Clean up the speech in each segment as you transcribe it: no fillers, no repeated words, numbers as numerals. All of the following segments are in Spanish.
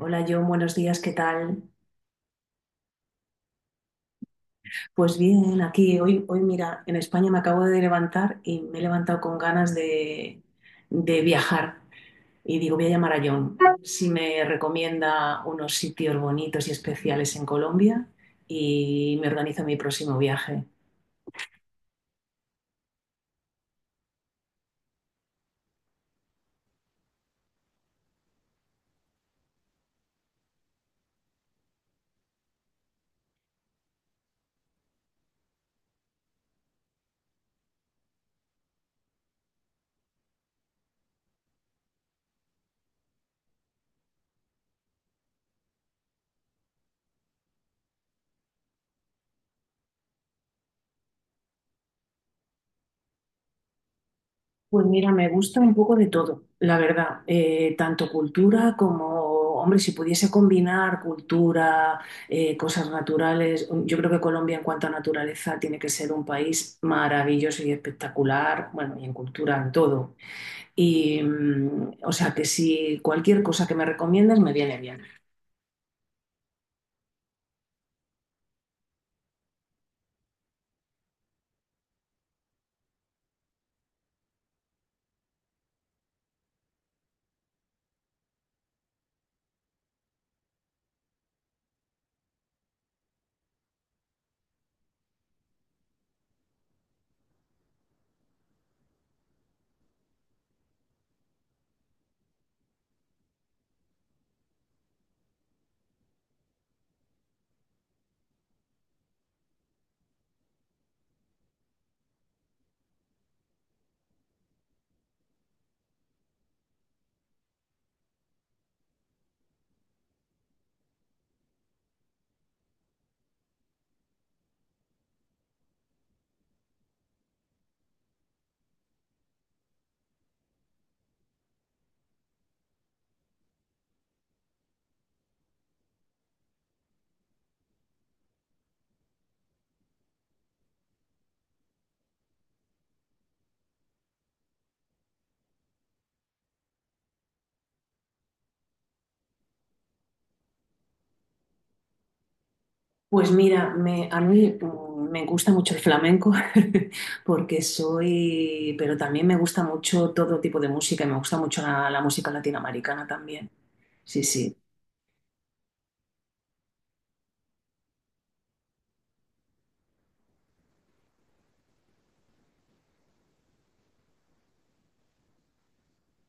Hola John, buenos días, ¿qué tal? Pues bien, aquí hoy mira, en España me acabo de levantar y me he levantado con ganas de viajar. Y digo, voy a llamar a John si me recomienda unos sitios bonitos y especiales en Colombia y me organizo mi próximo viaje. Pues mira, me gusta un poco de todo, la verdad. Tanto cultura como, hombre, si pudiese combinar cultura, cosas naturales, yo creo que Colombia en cuanto a naturaleza tiene que ser un país maravilloso y espectacular, bueno, y en cultura, en todo. O sea, que si cualquier cosa que me recomiendes me viene bien. Pues mira, a mí me gusta mucho el flamenco porque soy, pero también me gusta mucho todo tipo de música y me gusta mucho la música latinoamericana también. Sí, sí.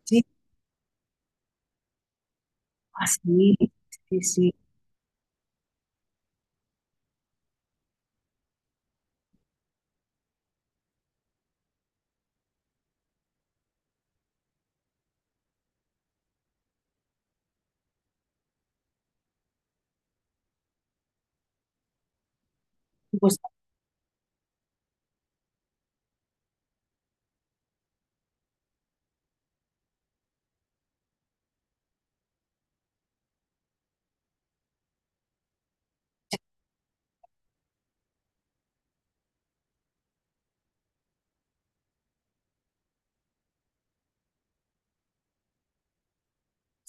Sí, así, sí, sí. Pues,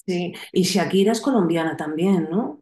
sí. Y Shakira es colombiana también, ¿no?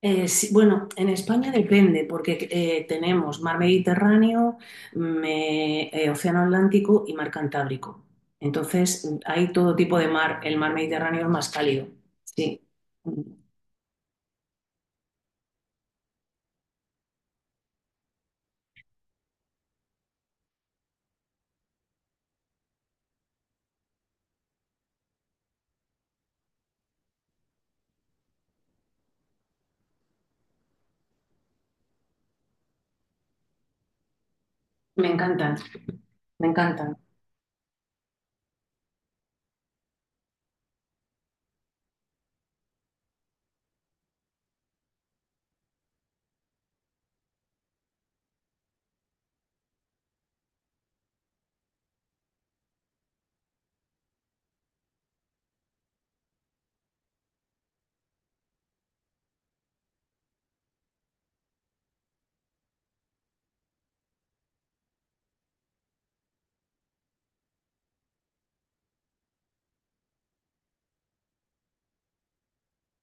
Sí, bueno, en España depende, porque tenemos mar Mediterráneo, Océano Atlántico y mar Cantábrico. Entonces, hay todo tipo de mar. El mar Mediterráneo es más cálido. Sí. Mm, Me encantan, me encantan.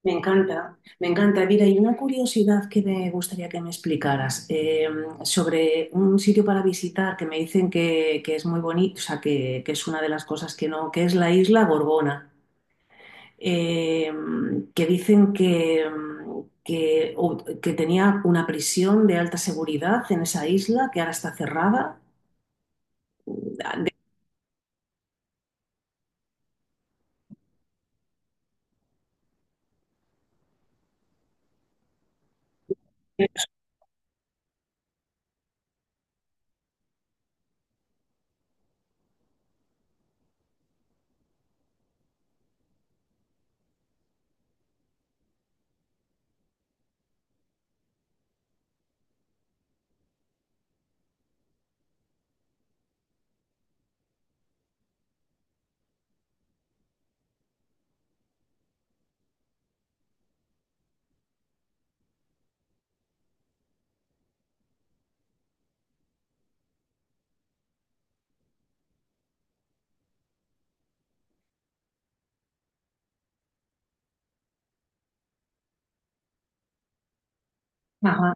Me encanta, me encanta. Mira, y una curiosidad que me gustaría que me explicaras sobre un sitio para visitar que me dicen que es muy bonito, o sea, que es una de las cosas que no, que es la isla Gorgona. eh, que dicen que tenía una prisión de alta seguridad en esa isla que ahora está cerrada. Ajá.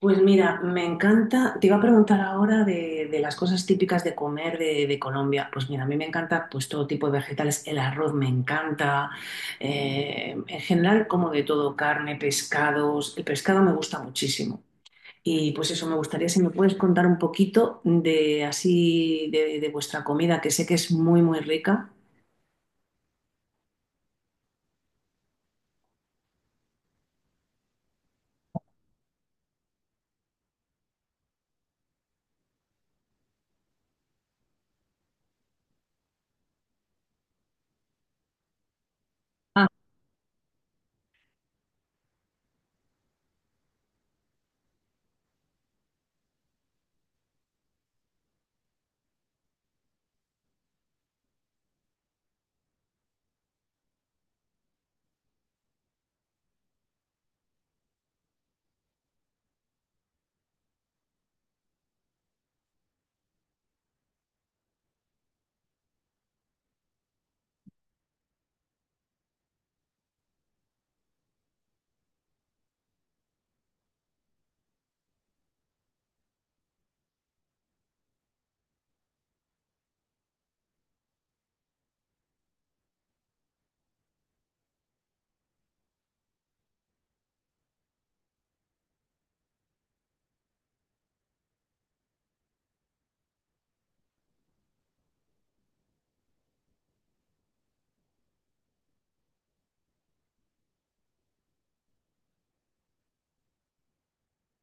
Pues mira, me encanta, te iba a preguntar ahora de las cosas típicas de comer de Colombia. Pues mira, a mí me encanta pues todo tipo de vegetales, el arroz me encanta, en general como de todo, carne, pescados, el pescado me gusta muchísimo. Y pues eso, me gustaría si me puedes contar un poquito de así de vuestra comida, que sé que es muy rica. Ah,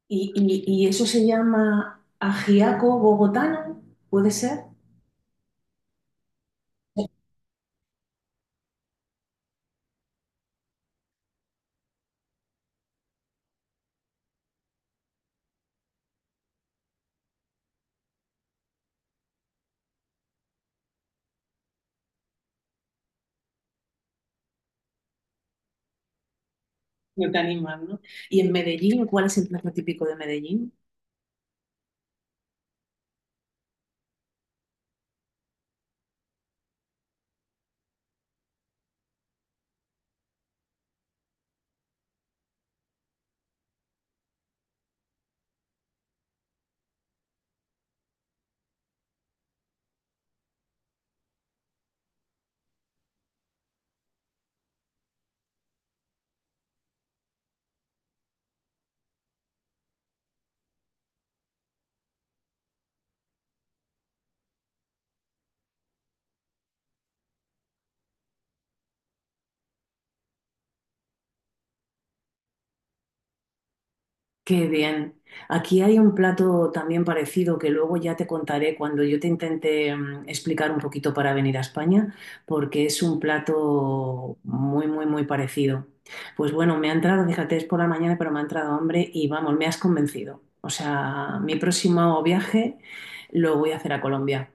y eso se llama ajiaco bogotano, ¿puede ser? No te animas, ¿no? Y en Medellín, ¿cuál es el plato típico de Medellín? Qué bien. Aquí hay un plato también parecido que luego ya te contaré cuando yo te intente explicar un poquito para venir a España, porque es un plato muy parecido. Pues bueno, me ha entrado, fíjate, es por la mañana, pero me ha entrado hambre y vamos, me has convencido. O sea, mi próximo viaje lo voy a hacer a Colombia.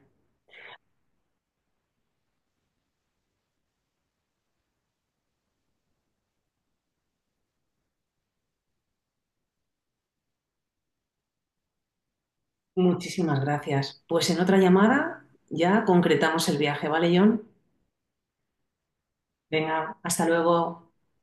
Muchísimas gracias. Pues en otra llamada ya concretamos el viaje, ¿vale, John? Venga, hasta luego.